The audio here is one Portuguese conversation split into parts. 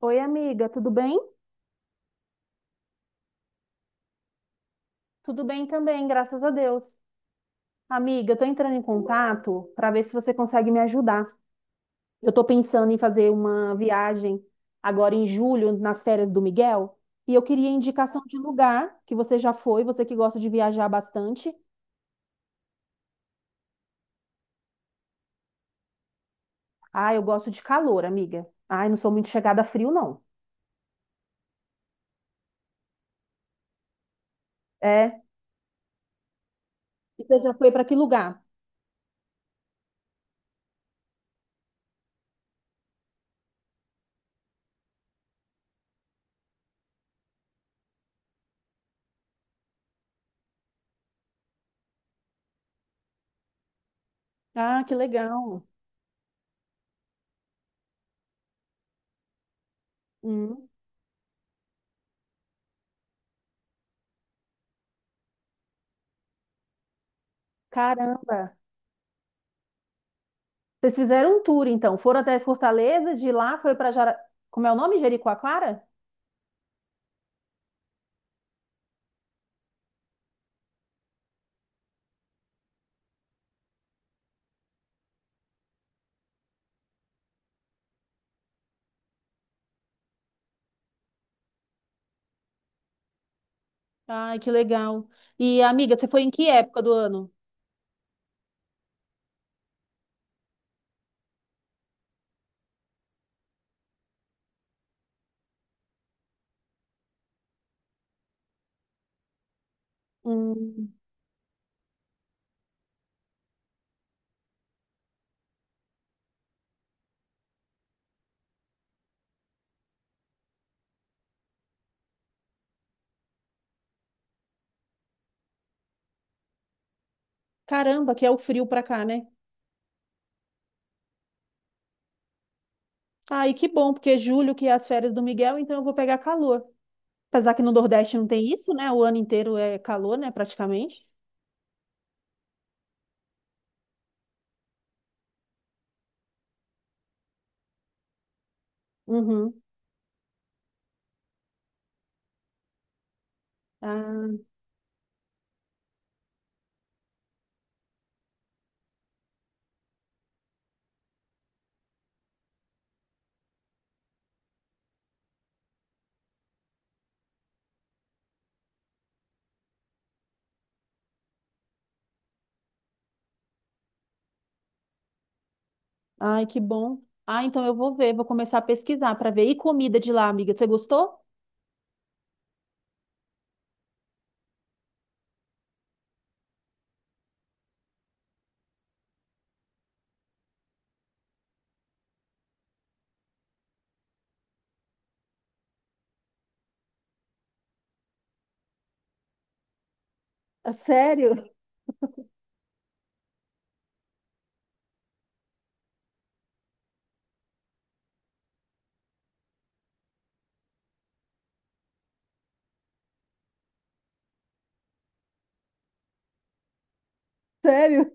Oi, amiga, tudo bem? Tudo bem também, graças a Deus. Amiga, eu tô entrando em contato para ver se você consegue me ajudar. Eu tô pensando em fazer uma viagem agora em julho, nas férias do Miguel, e eu queria indicação de lugar que você já foi, você que gosta de viajar bastante. Ah, eu gosto de calor, amiga. Ai, não sou muito chegada a frio, não. É? E você já foi para que lugar? Ah, que legal. Hum, Caramba. Vocês fizeram um tour, então. Foram até Fortaleza, de lá foi para Jara... Como é o nome? Jericoacoara? Ai, que legal. E, amiga, você foi em que época do ano? Hum, Caramba, que é o frio pra cá, né? Ai, que bom, porque julho que é as férias do Miguel, então eu vou pegar calor. Apesar que no Nordeste não tem isso, né? O ano inteiro é calor, né? Praticamente. Uhum. Ah, ai, que bom. Ah, então eu vou ver, vou começar a pesquisar para ver. E comida de lá, amiga, você gostou? Ah, sério? Sério?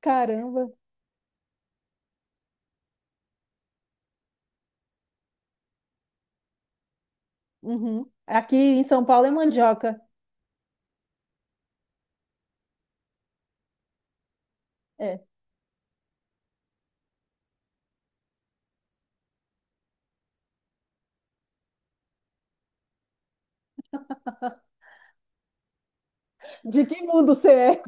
Caramba. Uhum. Aqui em São Paulo é mandioca. É. De que mundo você é?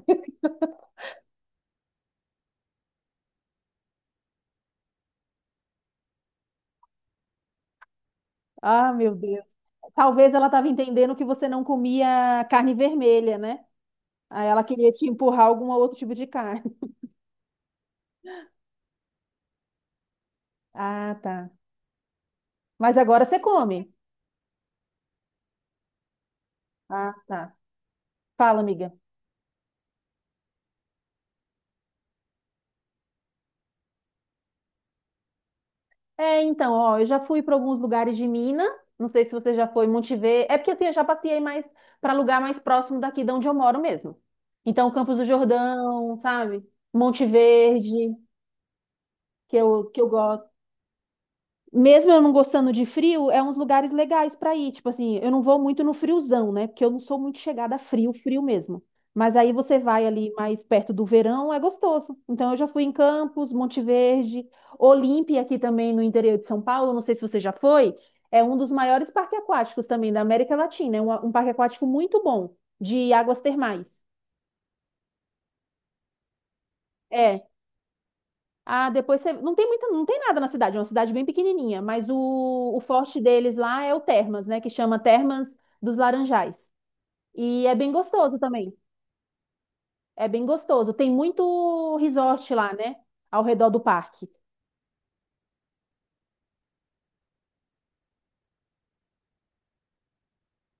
Ah, meu Deus. Talvez ela estava entendendo que você não comia carne vermelha, né? Aí ela queria te empurrar algum outro tipo de carne. Ah, tá. Mas agora você come. Ah, tá. Fala, amiga. É, então, ó, eu já fui para alguns lugares de Minas. Não sei se você já foi em Monte Verde. É porque assim, eu já passei mais para lugar mais próximo daqui de onde eu moro mesmo. Então, Campos do Jordão, sabe? Monte Verde, que eu gosto. Mesmo eu não gostando de frio, é uns lugares legais para ir. Tipo assim, eu não vou muito no friozão, né? Porque eu não sou muito chegada a frio, frio mesmo. Mas aí você vai ali mais perto do verão, é gostoso. Então eu já fui em Campos, Monte Verde, Olímpia aqui também no interior de São Paulo, não sei se você já foi, é um dos maiores parques aquáticos também da América Latina, é um parque aquático muito bom, de águas termais. É, ah, depois você... Não tem muita, não tem nada na cidade, é uma cidade bem pequenininha, mas o forte deles lá é o Termas, né? Que chama Termas dos Laranjais. E é bem gostoso também. É bem gostoso. Tem muito resort lá, né? Ao redor do parque.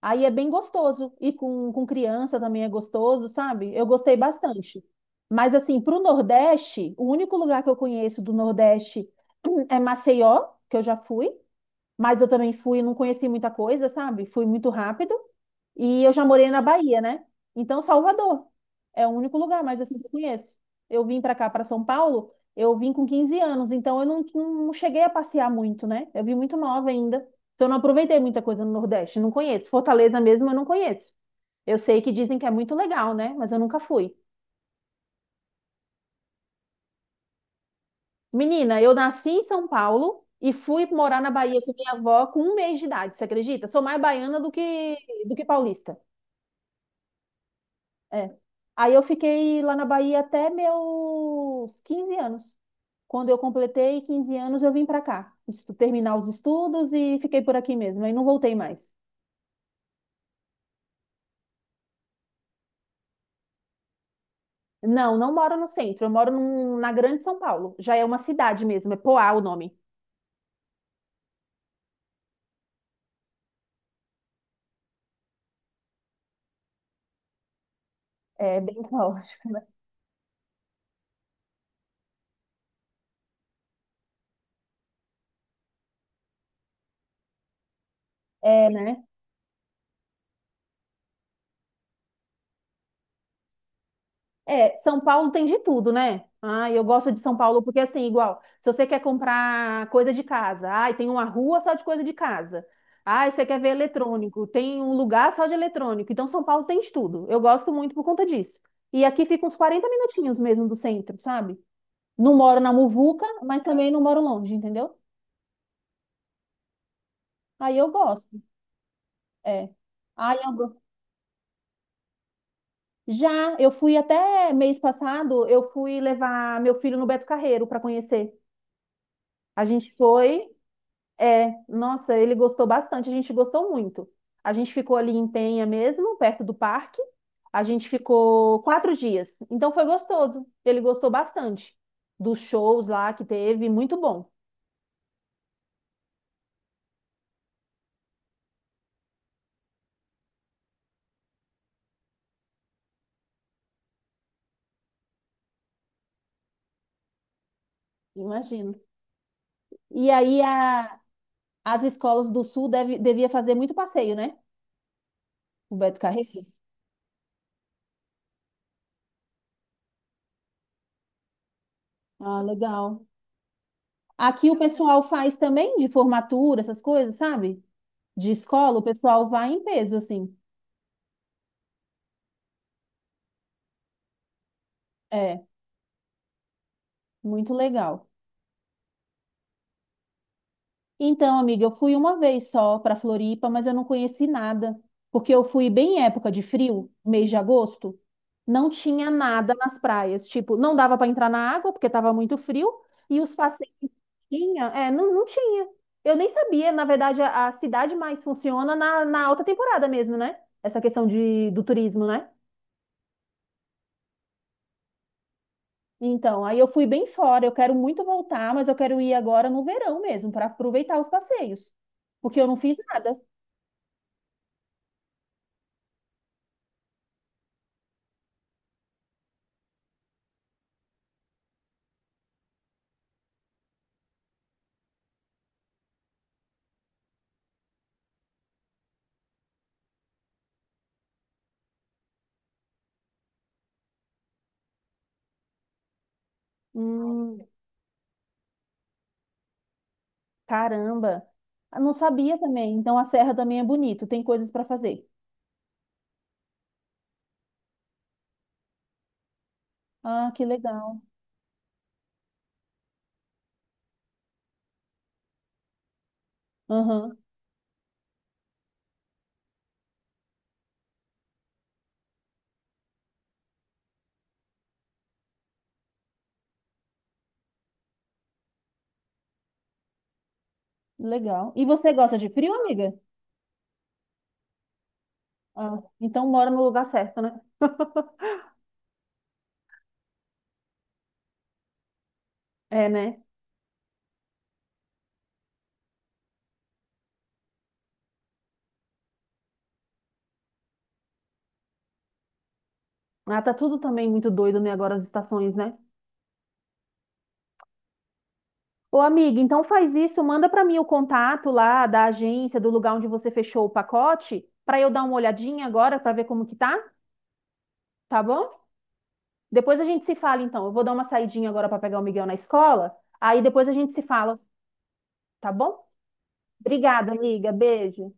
Aí é bem gostoso. E com criança também é gostoso, sabe? Eu gostei bastante. Mas assim, pro Nordeste, o único lugar que eu conheço do Nordeste é Maceió, que eu já fui. Mas eu também fui, não conheci muita coisa, sabe? Fui muito rápido. E eu já morei na Bahia, né? Então, Salvador é o único lugar mais assim que eu conheço. Eu vim para cá, para São Paulo, eu vim com 15 anos, então eu não, não cheguei a passear muito, né? Eu vim muito nova ainda. Então, eu não aproveitei muita coisa no Nordeste, não conheço. Fortaleza mesmo, eu não conheço. Eu sei que dizem que é muito legal, né? Mas eu nunca fui. Menina, eu nasci em São Paulo e fui morar na Bahia com minha avó com um mês de idade, você acredita? Sou mais baiana do que, paulista. É. Aí eu fiquei lá na Bahia até meus 15 anos. Quando eu completei 15 anos, eu vim para cá, terminar os estudos e fiquei por aqui mesmo. Aí não voltei mais. Não, não moro no centro, eu moro na Grande São Paulo. Já é uma cidade mesmo, é Poá o nome. É bem longe. É, né? É, São Paulo tem de tudo, né? Ah, eu gosto de São Paulo porque, assim, igual, se você quer comprar coisa de casa, ai, tem uma rua só de coisa de casa. Ai, você quer ver eletrônico, tem um lugar só de eletrônico. Então, São Paulo tem de tudo. Eu gosto muito por conta disso. E aqui fica uns 40 minutinhos mesmo do centro, sabe? Não moro na Muvuca, mas também não moro longe, entendeu? Aí eu gosto, é. Aí eu go- Já, eu fui até mês passado, eu fui levar meu filho no Beto Carreiro para conhecer. A gente foi. É, nossa, ele gostou bastante, a gente gostou muito. A gente ficou ali em Penha mesmo, perto do parque. A gente ficou 4 dias. Então foi gostoso. Ele gostou bastante dos shows lá que teve, muito bom. Imagino. E aí a- As escolas do Sul deve, devia fazer muito passeio, né? O Beto Carreiro. Ah, legal. Aqui o pessoal faz também de formatura, essas coisas, sabe? De escola, o pessoal vai em peso, assim. É, muito legal. Então, amiga, eu fui uma vez só para Floripa, mas eu não conheci nada, porque eu fui bem em época de frio, mês de agosto, não tinha nada nas praias, tipo, não dava para entrar na água porque estava muito frio e os passeios que tinha, é, não, não tinha. Eu nem sabia, na verdade, a cidade mais funciona na alta temporada mesmo, né? Essa questão de, do turismo, né? Então, aí eu fui bem fora. Eu quero muito voltar, mas eu quero ir agora no verão mesmo, para aproveitar os passeios, porque eu não fiz nada. Hum. Caramba! Ah, não sabia também. Então a serra também é bonito, tem coisas para fazer. Ah, que legal. Aham, legal. E você gosta de frio, amiga? Ah, então mora no lugar certo, né? É, né? Ah, tá tudo também muito doido, né? Agora as estações, né? Ô, amiga, então faz isso, manda para mim o contato lá da agência, do lugar onde você fechou o pacote, para eu dar uma olhadinha agora para ver como que tá, tá bom? Depois a gente se fala então. Eu vou dar uma saidinha agora para pegar o Miguel na escola, aí depois a gente se fala, tá bom? Obrigada, amiga. Beijo.